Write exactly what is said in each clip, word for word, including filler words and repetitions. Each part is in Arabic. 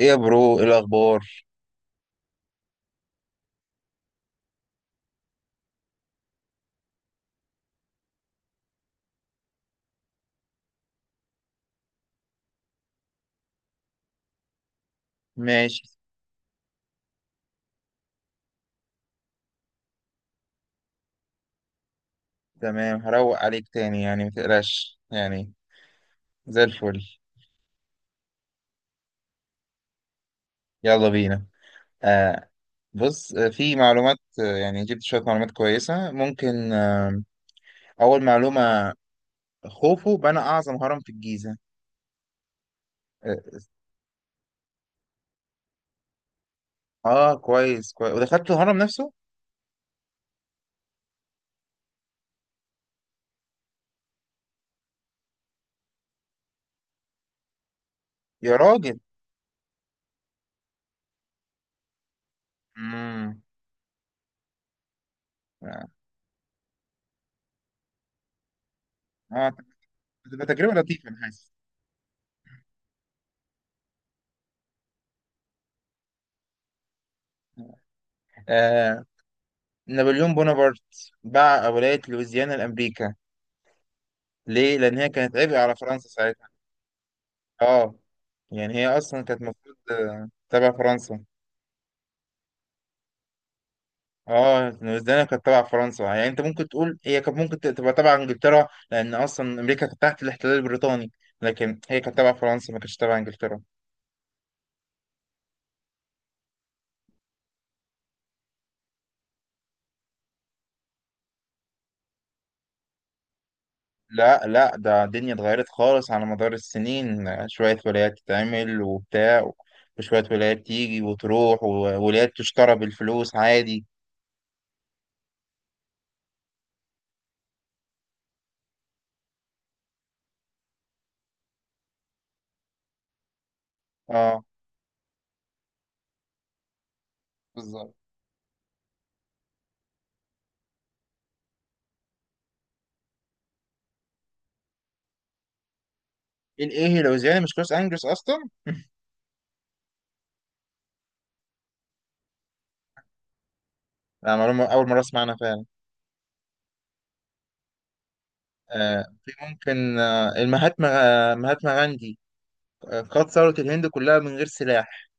ايه يا برو، ايه الاخبار؟ ماشي. تمام، هروق عليك تاني يعني متقلقش يعني. زي الفل. يلا بينا. آه. بص، آه، في معلومات، آه، يعني جبت شوية معلومات كويسة ممكن. آه، اول معلومة: خوفو بنى اعظم هرم في الجيزة. اه. آه، كويس كويس. ودخلت الهرم نفسه؟ يا راجل. امم اه. آه، تبقى تجربة لطيفة انا حاسس. آه، نابليون بونابرت باع ولاية لويزيانا لأمريكا. ليه؟ لأن هي كانت عبء على فرنسا ساعتها. اه، يعني هي اصلا كانت المفروض، آه، تبع فرنسا. اه، نيوزيلندا كانت تبع فرنسا. يعني انت ممكن تقول هي كانت ممكن ت- تبقى تبع انجلترا، لان اصلا امريكا كانت تحت الاحتلال البريطاني. لكن هي كانت تبع فرنسا، ما كانتش تبع انجلترا. لا لا، ده الدنيا اتغيرت خالص على مدار السنين. آه، شوية ولايات تتعمل وبتاع، وشوية ولايات تيجي وتروح، وولايات تشترى بالفلوس عادي. اه، بالظبط. ايه ايه، لوزيانا مش لوس انجلوس اصلا. لا، معلومة اول مرة اسمعنا. آه، في ممكن آه، المهاتما، آه، مهاتما غاندي، آه، قاد ثورة الهند كلها من غير سلاح.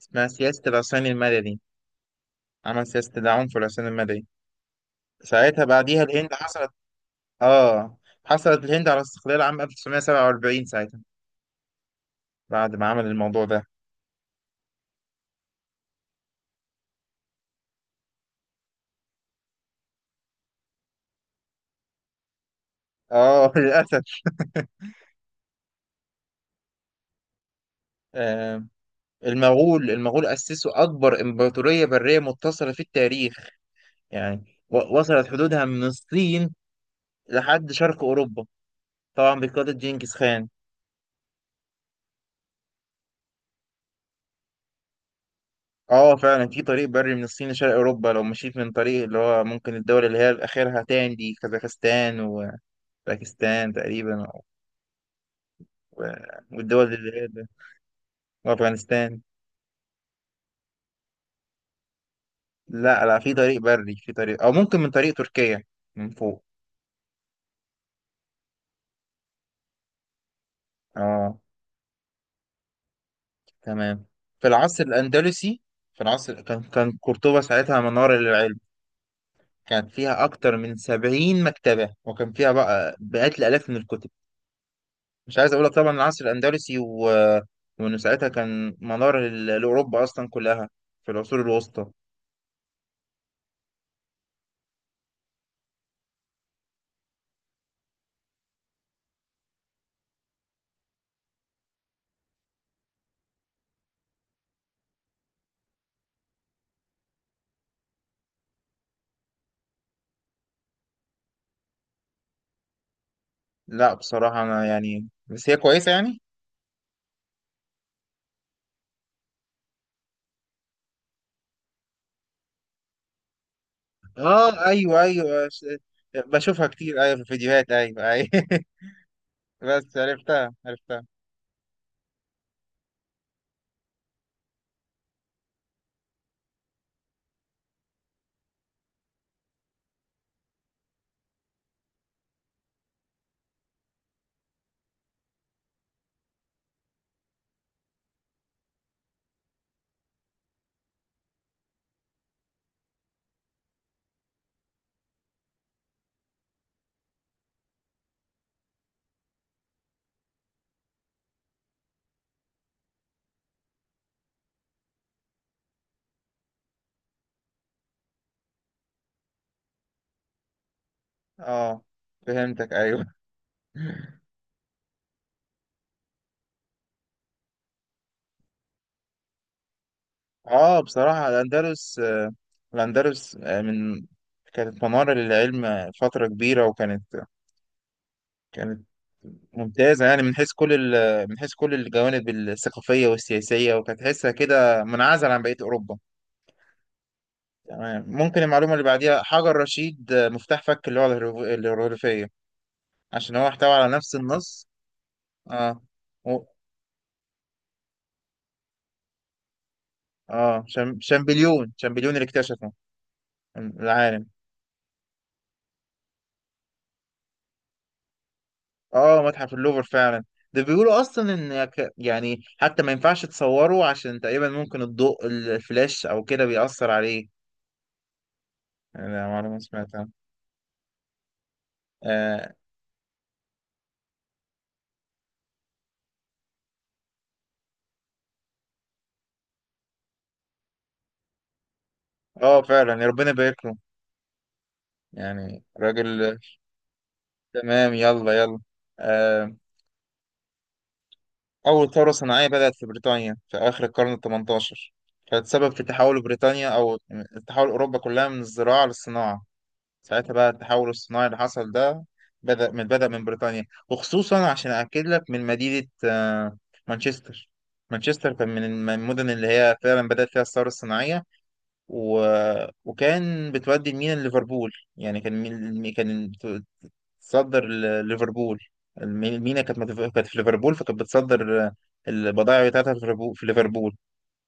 اسمها سياسة العصيان المدني. عمل سياسة العنف والعصيان المدني. ساعتها بعديها الهند حصلت. اه، حصلت الهند على استقلال عام ألف وتسعمية سبعة وأربعين ساعتها، بعد ما عمل الموضوع ده. اه. للأسف. آه، المغول. المغول أسسوا أكبر إمبراطورية برية متصلة في التاريخ. يعني و- وصلت حدودها من الصين لحد شرق أوروبا، طبعا بقيادة جنكيز خان. اه فعلا، في طريق بري من الصين لشرق اوروبا. لو مشيت من طريق، اللي هو ممكن الدول اللي هي اخرها تاني دي كازاخستان وباكستان تقريبا، و- والدول اللي هي ده- وافغانستان. لا لا، في طريق بري، في طريق او ممكن من طريق تركيا من فوق. اه. تمام. في العصر الاندلسي، في العصر كان كان قرطبة ساعتها منارة للعلم. كانت فيها اكتر من سبعين مكتبة، وكان فيها بقى مئات الالاف من الكتب. مش عايز اقول لك طبعا العصر الاندلسي و... وانه ساعتها كان منار ال- لاوروبا اصلا كلها في العصور الوسطى. لا بصراحه، انا يعني بس هي كويسه يعني. اه ايوه ايوه، ش- بشوفها كتير، ايوه، في فيديوهات. ايوه ايوه. بس عرفتها عرفتها. اه، فهمتك، ايوه. اه، بصراحه الاندلس، آه، الاندلس آه، من كانت منار للعلم فتره كبيره، وكانت كانت ممتازة يعني من حيث كل ال... من حيث كل الجوانب الثقافية والسياسية، وكانت تحسها كده منعزل عن بقية أوروبا. تمام. ممكن المعلومة اللي بعديها حجر رشيد، آه، مفتاح فك اللغة الهيروغ- الهيروغليفية، عشان هو احتوى على نفس النص. اه. و... اه، شام... شامبليون. شامبليون اللي اكتشفه العالم. اه، متحف اللوفر فعلا. ده بيقولوا اصلا ان ك- يعني حتى ما ينفعش تصوره، عشان تقريبا ممكن الضوء الفلاش او كده بيأثر عليه. انا معلومة سمعتها. آه. اه فعلا، يا ربنا يبارك له، يعني راجل. تمام، يلا يلا. آه، أول ثورة صناعية بدأت في بريطانيا في آخر القرن الثمنتاشر. كانت سبب في تحول بريطانيا، أو تحول أوروبا كلها، من الزراعة للصناعة. ساعتها بقى التحول الصناعي اللي حصل ده بدأ من بدأ من بريطانيا، وخصوصا عشان أكد لك من مدينة، آه، مانشستر. مانشستر كان من الم- المدن اللي هي فعلا بدأت فيها الثورة الصناعية. و... وكان بتودي المينا ليفربول. يعني كان ميل- كان صدر ل- ليفربول. المي- مينا كانت متف- كانت في ليفربول، فكانت بتصدر آه، البضائع بتاعتها في ليفربول. في ليفربول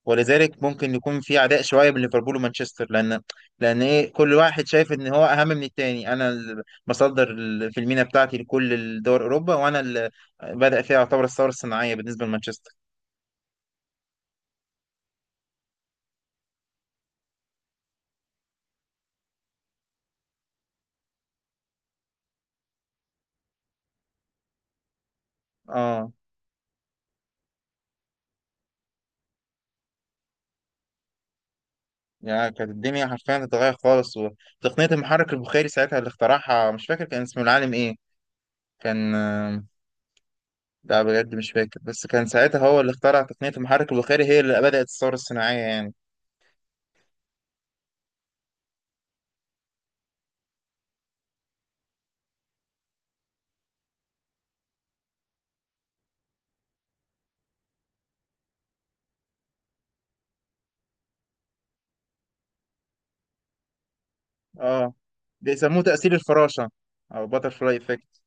ولذلك ممكن يكون في عداء شويه بين ليفربول ومانشستر، لان لان ايه، كل واحد شايف ان هو اهم من التاني. انا ال- بصدر ال- في المينا بتاعتي لكل دول اوروبا، وانا اللي بدأ فيها يعتبر الثوره الصناعيه بالنسبه لمانشستر. اه، يعني كانت الدنيا حرفيا اتغيرت خالص. وتقنيه المحرك البخاري ساعتها اللي اخترعها، مش فاكر كان اسمه العالم ايه. كان، لا بجد مش فاكر، بس كان ساعتها هو اللي اخترع تقنية المحرك البخاري، هي اللي بدأت الثورة الصناعية يعني. اه، بيسموه تأثير الفراشة، أو باتر فلاي إفكت.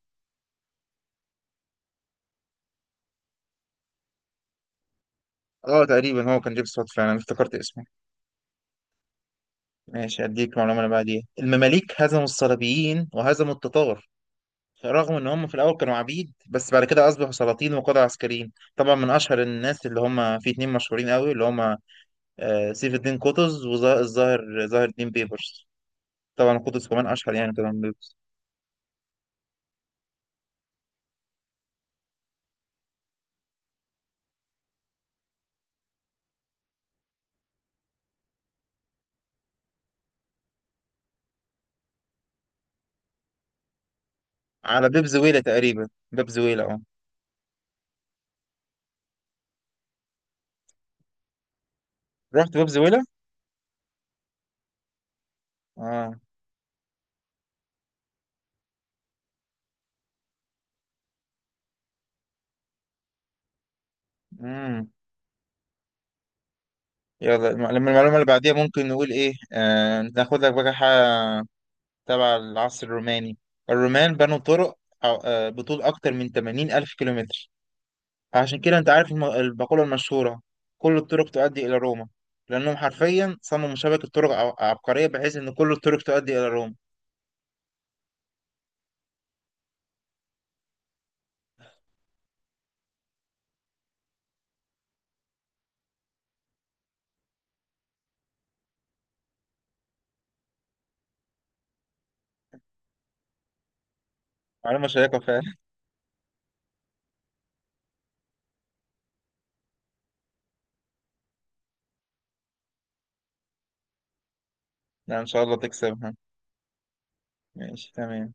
اه تقريبا هو كان جيمس وات فعلا، أنا افتكرت اسمه. ماشي، أديك معلومة اللي بعديها: المماليك هزموا الصليبيين وهزموا التتار، رغم إن هم في الأول كانوا عبيد، بس بعد كده أصبحوا سلاطين وقادة عسكريين. طبعا من أشهر الناس اللي هم في اتنين مشهورين قوي اللي هم، آه، سيف الدين قطز، والظاهر ظاهر الدين بيبرس. طبعا قطز كمان أشهر يعني طبعا. على باب زويلة تقريبا، باب زويلة، اه. رحت باب زويلة، اه. امم. يلا، الم- لما المعلومة اللي بعديها ممكن نقول ايه، آه ناخد لك بقى حاجة تبع العصر الروماني. الرومان بنوا طرق أو- آه، بطول أكتر من ثمانين ألف كيلومتر. عشان كده أنت عارف الم- المقولة المشهورة: كل الطرق تؤدي إلى روما. لأنهم حرفيا صمموا شبكة طرق ع- عبقرية، بحيث إن كل الطرق تؤدي إلى روما. معلومة شيقة فعلا. لا إن شاء الله تكسبها. ماشي، تمام.